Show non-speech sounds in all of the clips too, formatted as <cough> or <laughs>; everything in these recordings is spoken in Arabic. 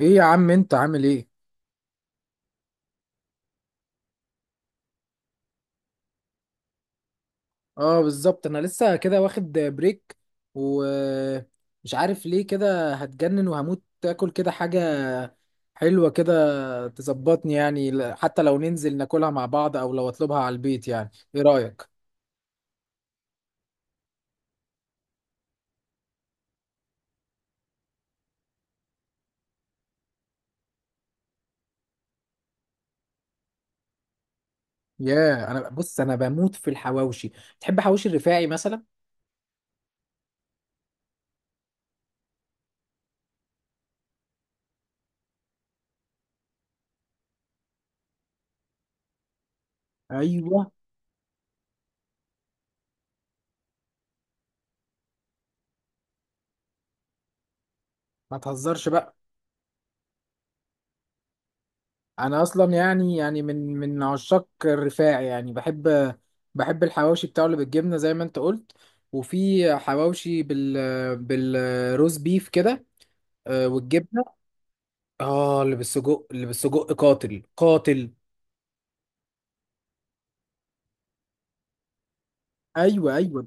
ايه يا عم، انت عامل ايه؟ اه، بالظبط انا لسه كده واخد بريك. ومش عارف ليه كده، هتجنن وهموت اكل كده حاجة حلوة كده تظبطني. يعني حتى لو ننزل ناكلها مع بعض او لو اطلبها على البيت، يعني ايه رأيك؟ ياه، انا بص انا بموت في الحواوشي. تحب حواوشي الرفاعي مثلا؟ ايوه. ما تهزرش بقى. انا اصلا يعني من عشاق الرفاع، يعني بحب الحواوشي بتاعه اللي بالجبنه زي ما انت قلت. وفي حواوشي بالروز بيف كده، والجبنه. اه، اللي بالسجق، اللي بالسجق قاتل قاتل. ايوه، ايوه،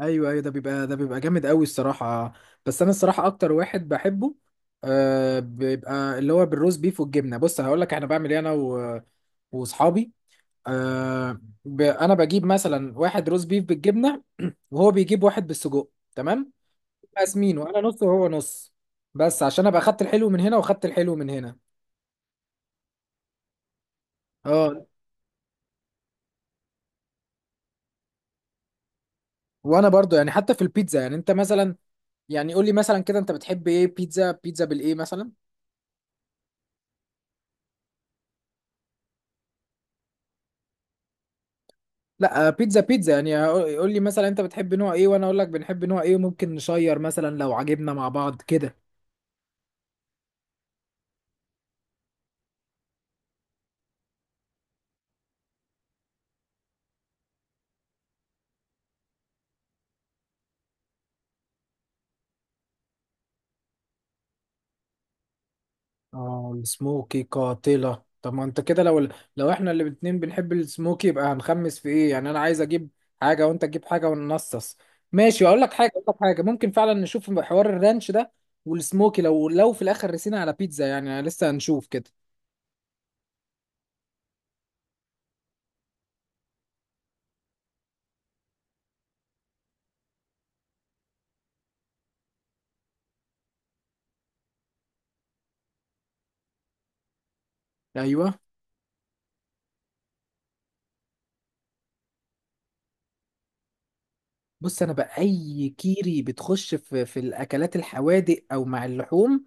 ايوه، ايوه، ده بيبقى جامد قوي الصراحه. بس انا الصراحه اكتر واحد بحبه، بيبقى اللي هو بالروز بيف والجبنه. بص هقول لك انا بعمل ايه. انا و- واصحابي. آه انا بجيب مثلا واحد روز بيف بالجبنه <clears throat> وهو بيجيب واحد بالسجق. تمام. قاسمين، وانا نص وهو نص. بس عشان ابقى اخدت الحلو من هنا واخدت الحلو من هنا. اه. وانا برضو، يعني حتى في البيتزا، يعني انت مثلا، يعني قول لي مثلا كده، انت بتحب ايه؟ بيتزا بالايه مثلا؟ لا، بيتزا بيتزا يعني. قول لي مثلا انت بتحب نوع ايه وانا اقول لك بنحب نوع ايه، وممكن نشير مثلا لو عجبنا مع بعض كده. اه، السموكي قاتلة. طب ما انت كده، لو احنا اللي الاتنين بنحب السموكي يبقى هنخمس في ايه؟ يعني انا عايز اجيب حاجة وانت تجيب حاجة وننصص. ماشي، اقول لك حاجة ممكن فعلا نشوف حوار الرانش ده. والسموكي، لو في الاخر رسينا على بيتزا، يعني لسه هنشوف كده. ايوه. بص انا بقى اي كيري بتخش في الاكلات الحوادق او مع اللحوم.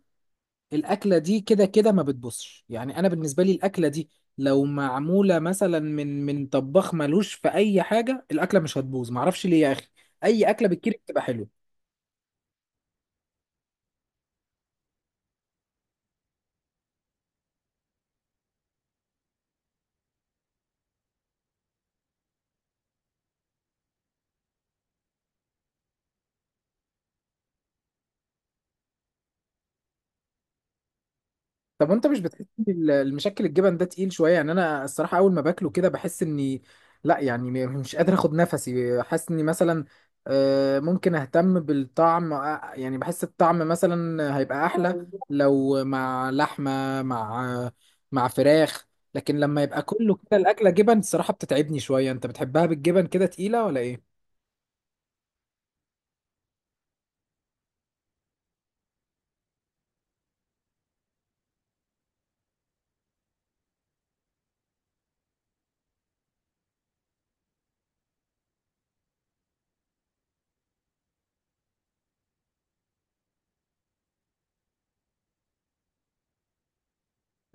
الاكله دي كده كده ما بتبصش. يعني انا بالنسبه لي الاكله دي لو معموله مثلا من طباخ ملوش في اي حاجه، الاكله مش هتبوظ، معرفش ليه يا اخي. اي اكله بتكيري بتبقى حلوه. طب وانت مش بتحس ان المشكل الجبن ده تقيل شويه؟ يعني انا الصراحه اول ما باكله كده بحس اني، لا يعني مش قادر اخد نفسي، حاسس اني مثلا، ممكن اهتم بالطعم، يعني بحس الطعم مثلا هيبقى احلى لو مع لحمه مع فراخ. لكن لما يبقى كله كده الاكله جبن الصراحه بتتعبني شويه. انت بتحبها بالجبن كده تقيله ولا ايه؟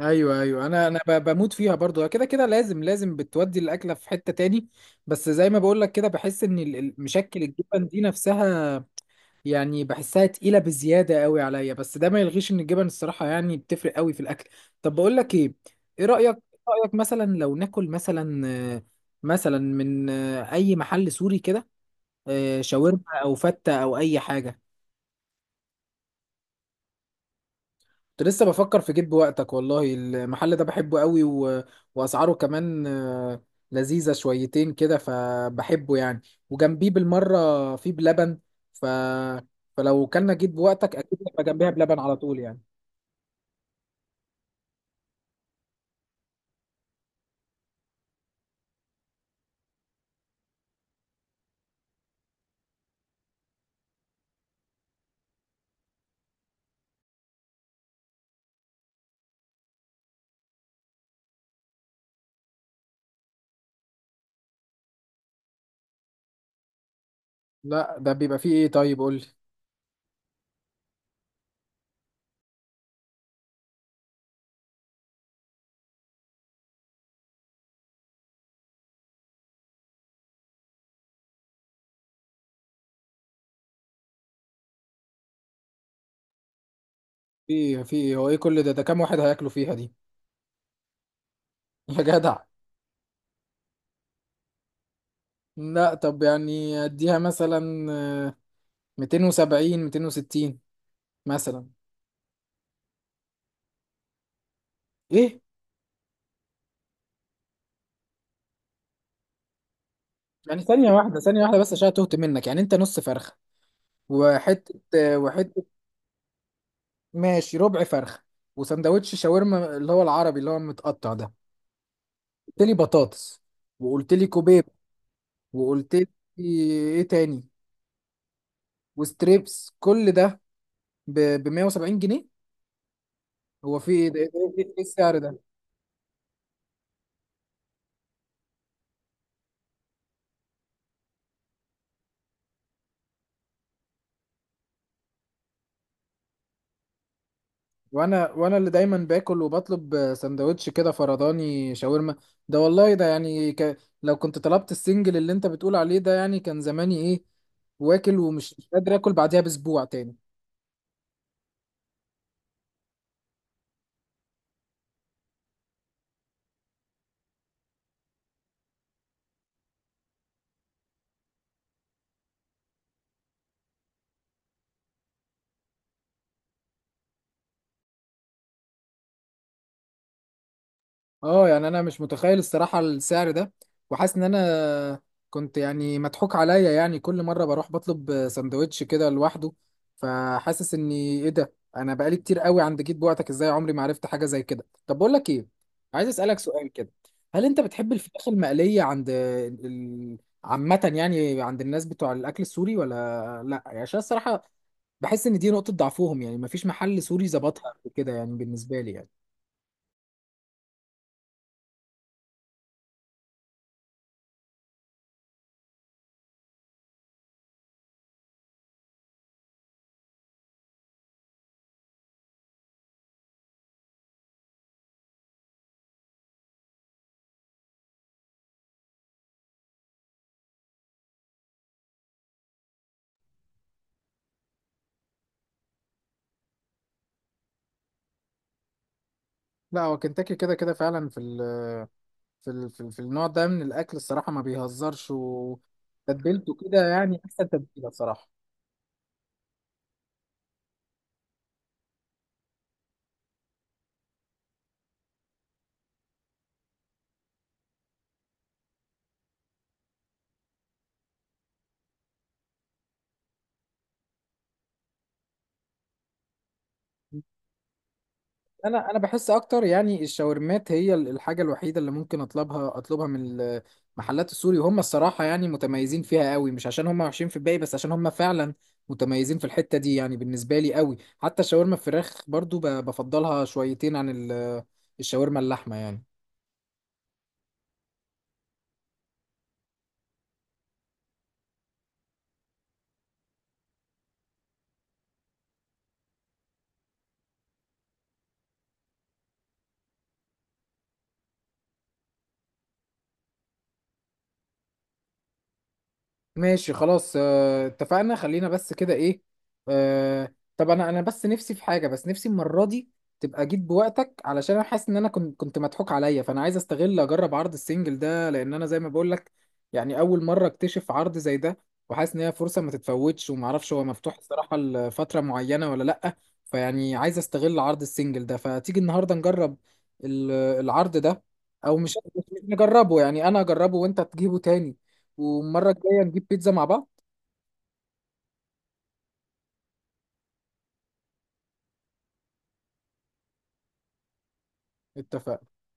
ايوه، ايوه، انا بموت فيها برضو. كده كده لازم لازم بتودي الاكله في حته تاني. بس زي ما بقول لك كده، بحس ان مشكل الجبن دي نفسها يعني، بحسها تقيله بزياده قوي عليا. بس ده ما يلغيش ان الجبن الصراحه يعني بتفرق قوي في الاكل. طب بقول لك ايه. ايه رايك إيه؟ رايك مثلا لو ناكل مثلا، مثلا من، اي محل سوري كده، شاورما او فته او اي حاجه. كنت لسه بفكر في جيب وقتك، والله المحل ده بحبه قوي واسعاره كمان، لذيذة شويتين كده فبحبه يعني. وجنبيه بالمرة في بلبن، ف... فلو كلنا جيب وقتك اكيد يبقى جنبها بلبن على طول يعني. لا، ده بيبقى فيه ايه؟ طيب قول لي. فيه إيه؟ هو ايه كل ده كام واحد هياكلوا فيها دي؟ <laughs> يا جدع. لا طب يعني اديها مثلا، 270 260 مثلا، ايه؟ يعني ثانية واحدة، ثانية واحدة بس عشان تهت منك. يعني انت نص فرخة وحته وحته؟ ماشي، ربع فرخه وسندوتش شاورما اللي هو العربي اللي هو المتقطع ده. قلت لي بطاطس، وقلت لي كوبيب، وقلت لي ايه تاني؟ وستريبس، كل ده ب 170 جنيه؟ هو في ايه ده؟ ايه ده؟ إيه السعر ده؟ وانا اللي دايما باكل وبطلب سندوتش كده فرداني شاورما، ده والله ده يعني لو كنت طلبت السنجل اللي انت بتقول عليه ده يعني كان زماني ايه، واكل ومش مش قادر اكل بعديها باسبوع تاني. اه، يعني انا مش متخيل الصراحه السعر ده، وحاسس ان انا كنت يعني مضحوك عليا. يعني كل مره بروح بطلب سندوتش كده لوحده، فحاسس اني ايه ده، انا بقالي كتير قوي عند جيت بوعتك ازاي عمري ما عرفت حاجه زي كده. طب بقول لك ايه، عايز اسالك سؤال كده. هل انت بتحب الفراخ المقليه عند عامه يعني عند الناس بتوع الاكل السوري ولا؟ لا يعني، عشان الصراحه بحس ان دي نقطه ضعفهم. يعني مفيش محل سوري ظبطها كده يعني بالنسبه لي يعني. لا، هو كنتاكي كده كده فعلا في في النوع ده من الاكل الصراحه ما بيهزرش، وتتبيلته كده يعني احسن تتبيله صراحه. انا بحس اكتر يعني الشاورمات هي الحاجه الوحيده اللي ممكن اطلبها من المحلات السوري. هم الصراحه يعني متميزين فيها قوي، مش عشان هم وحشين في الباقي، بس عشان هم فعلا متميزين في الحته دي يعني بالنسبه لي قوي. حتى شاورما الفراخ برضو بفضلها شويتين عن الشاورما اللحمه يعني. ماشي خلاص، اتفقنا. خلينا بس كده ايه، طب انا بس نفسي في حاجه، بس نفسي المره دي تبقى جيت بوقتك، علشان انا حاسس ان انا كنت مضحوك عليا. فانا عايز استغل، اجرب عرض السنجل ده، لان انا زي ما بقول لك يعني اول مره اكتشف عرض زي ده. وحاسس ان هي فرصه ما تتفوتش، وما اعرفش هو مفتوح الصراحه لفتره معينه ولا لا. فيعني عايز استغل عرض السنجل ده، فتيجي النهارده نجرب العرض ده، او مش نجربه يعني، انا اجربه وانت تجيبه تاني، والمرة الجاية نجيب بيتزا مع بعض. اتفقنا.